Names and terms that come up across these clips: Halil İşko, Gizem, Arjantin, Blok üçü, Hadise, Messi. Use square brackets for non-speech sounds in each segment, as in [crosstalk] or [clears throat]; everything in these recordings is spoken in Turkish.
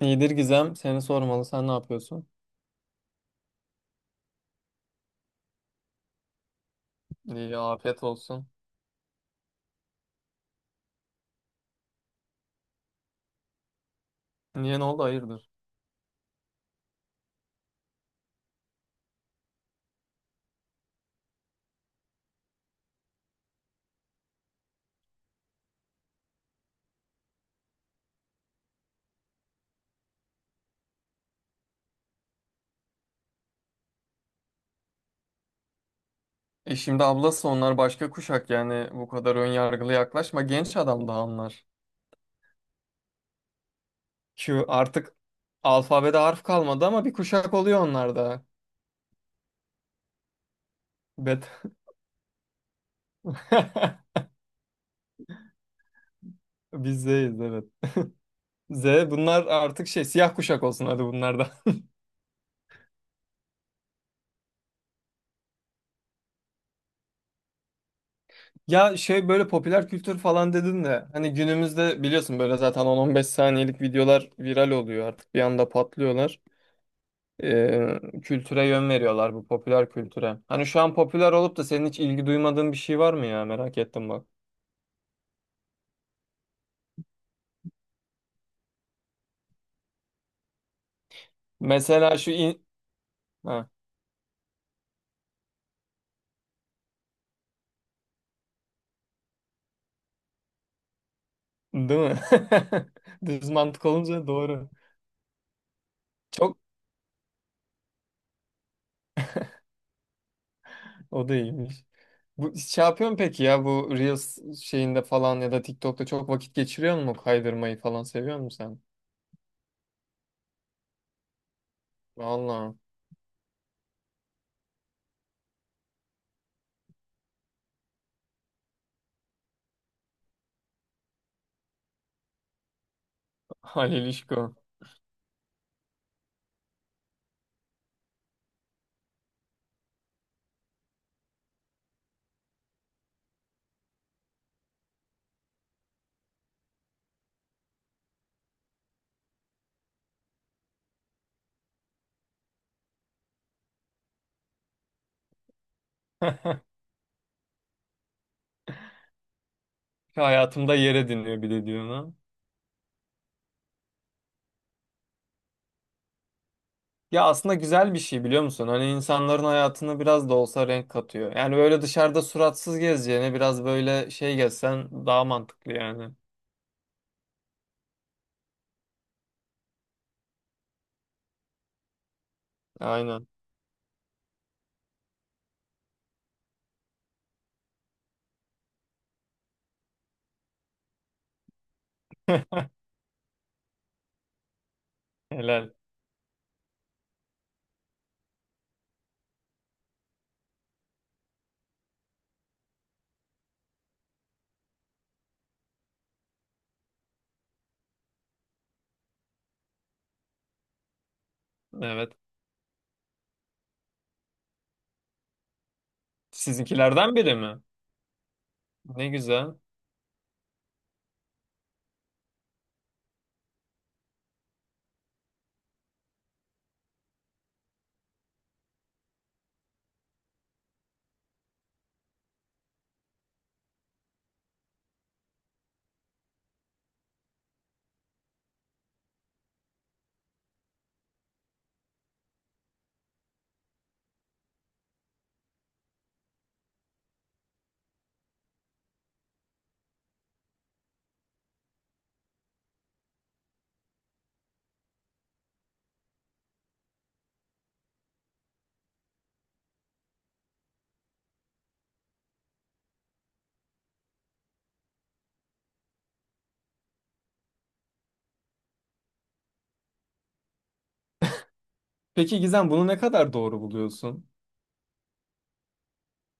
İyidir Gizem. Seni sormalı. Sen ne yapıyorsun? İyi, afiyet olsun. Niye, ne oldu? Hayırdır? Şimdi ablası, onlar başka kuşak, yani bu kadar ön yargılı yaklaşma. Genç adam daha onlar. Q artık alfabede harf kalmadı ama bir kuşak oluyor onlar da. Bet. [laughs] Biz Z'yiz, evet. Z, bunlar artık şey, siyah kuşak olsun hadi bunlar da. [laughs] Ya şey, böyle popüler kültür falan dedin de hani günümüzde biliyorsun, böyle zaten 10-15 saniyelik videolar viral oluyor, artık bir anda patlıyorlar. Kültüre yön veriyorlar bu popüler kültüre. Hani şu an popüler olup da senin hiç ilgi duymadığın bir şey var mı ya? Merak ettim bak. Mesela şu in... Ha, değil mi? [laughs] Düz mantık olunca doğru. Çok, o da iyiymiş. Bu şey yapıyor musun peki, ya bu Reels şeyinde falan ya da TikTok'ta çok vakit geçiriyor mu? Kaydırmayı falan seviyor musun sen? Vallahi. Halil İşko. [laughs] Hayatımda yer ediniyor bir de diyor ha. Ya aslında güzel bir şey, biliyor musun? Hani insanların hayatına biraz da olsa renk katıyor. Yani böyle dışarıda suratsız gezeceğine biraz böyle şey gezsen daha mantıklı yani. Aynen. Helal. Evet. Sizinkilerden biri mi? Ne güzel. Peki Gizem, bunu ne kadar doğru buluyorsun?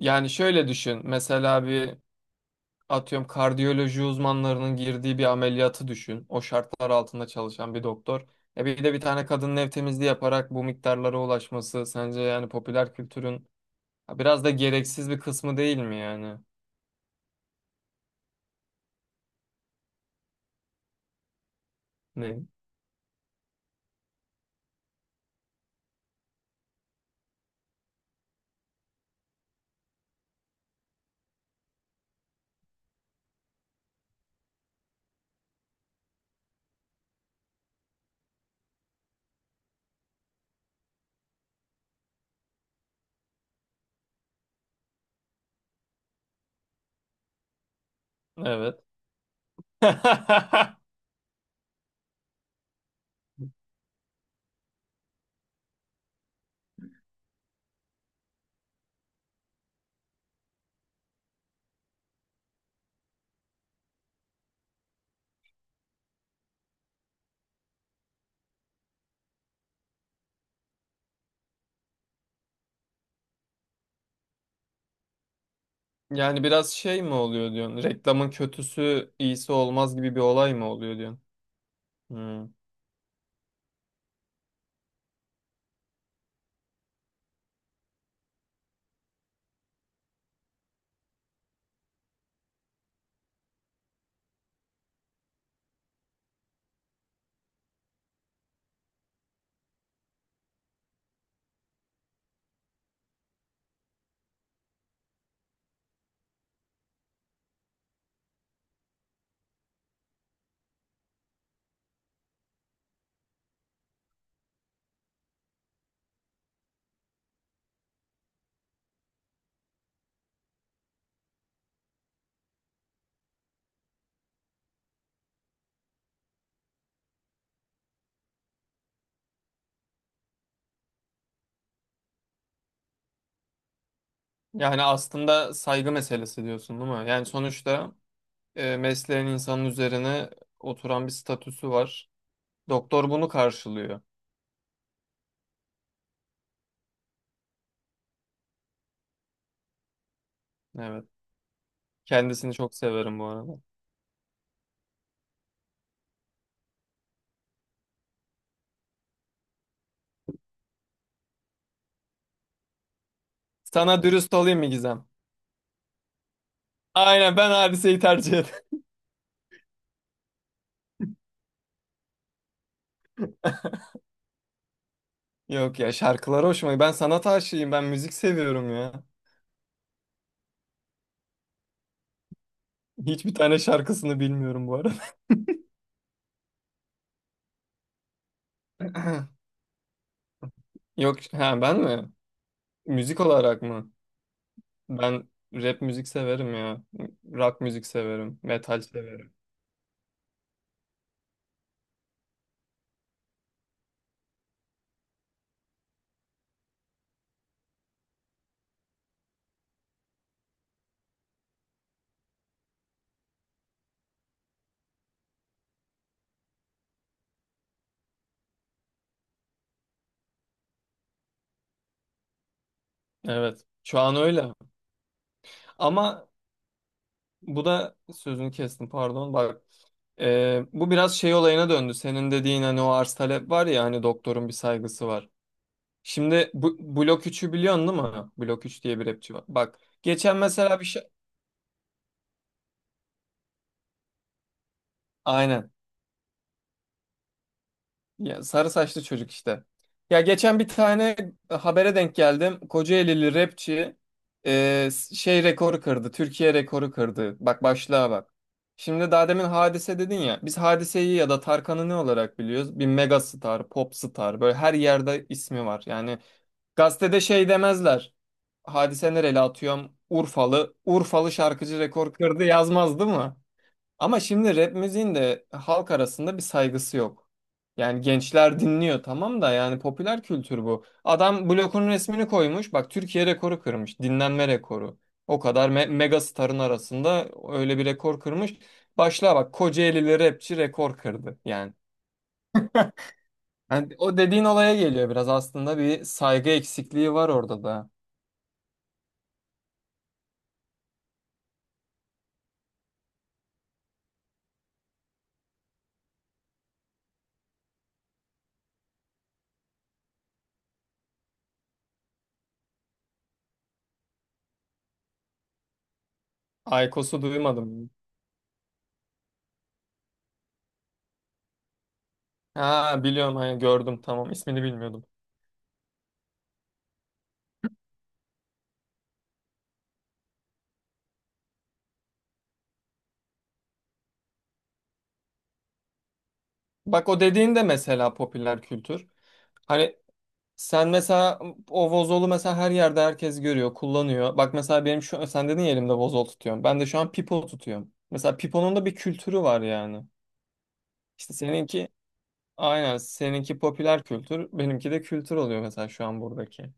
Yani şöyle düşün. Mesela bir Atıyorum, kardiyoloji uzmanlarının girdiği bir ameliyatı düşün. O şartlar altında çalışan bir doktor. E bir de bir tane kadının ev temizliği yaparak bu miktarlara ulaşması, sence yani popüler kültürün ya biraz da gereksiz bir kısmı değil mi yani? Ne? Evet. [laughs] Yani biraz şey mi oluyor diyorsun? Reklamın kötüsü iyisi olmaz gibi bir olay mı oluyor diyorsun? Hmm. Yani aslında saygı meselesi diyorsun değil mi? Yani sonuçta mesleğin insanın üzerine oturan bir statüsü var. Doktor bunu karşılıyor. Evet. Kendisini çok severim bu arada. Sana dürüst olayım mı Gizem? Aynen, ben Hadise'yi tercih ederim. [laughs] Yok ya, şarkılar hoşuma. Ben sanat aşığıyım. Ben müzik seviyorum ya. Hiçbir tane şarkısını bilmiyorum bu arada. [clears throat] Yok, ha ben mi? Müzik olarak mı? Ben rap müzik severim ya. Rock müzik severim. Metal severim. Evet. Şu an öyle. Ama bu da, sözünü kestim pardon. Bak, bu biraz şey olayına döndü. Senin dediğin hani, o arz talep var ya, hani doktorun bir saygısı var. Şimdi bu Blok üçü biliyorsun değil mi? Blok üç diye bir rapçi var. Bak geçen mesela bir şey... Aynen. Ya sarı saçlı çocuk işte. Ya geçen bir tane habere denk geldim. Kocaelili rapçi e, şey rekoru kırdı. Türkiye rekoru kırdı. Bak başlığa bak. Şimdi daha demin Hadise dedin ya. Biz Hadise'yi ya da Tarkan'ı ne olarak biliyoruz? Bir mega star, pop star. Böyle her yerde ismi var. Yani gazetede şey demezler. Hadise nereli atıyorum? Urfalı. Urfalı şarkıcı rekor kırdı yazmaz değil mi? Ama şimdi rap müziğin de halk arasında bir saygısı yok. Yani gençler dinliyor tamam da, yani popüler kültür bu. Adam blokun resmini koymuş. Bak Türkiye rekoru kırmış. Dinlenme rekoru. O kadar mega starın arasında öyle bir rekor kırmış. Başla bak, Kocaelili rapçi rekor kırdı yani. Yani o dediğin olaya geliyor biraz, aslında bir saygı eksikliği var orada da. Aykos'u duymadım. Ha biliyorum, hani gördüm, tamam, ismini bilmiyordum. Bak o dediğin de mesela popüler kültür. Hani sen mesela o vozolu mesela her yerde herkes görüyor, kullanıyor. Bak mesela benim şu, sen dedin ya elimde vozol tutuyorum. Ben de şu an pipo tutuyorum. Mesela piponun da bir kültürü var yani. İşte seninki, aynen seninki popüler kültür, benimki de kültür oluyor mesela şu an buradaki.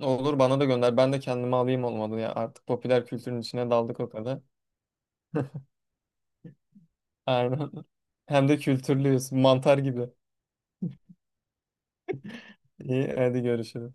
Olur, bana da gönder. Ben de kendimi alayım, olmadı ya. Artık popüler kültürün içine daldık o kadar. [laughs] Aynen. Hem de kültürlüyüz. Mantar gibi. İyi, hadi görüşürüz.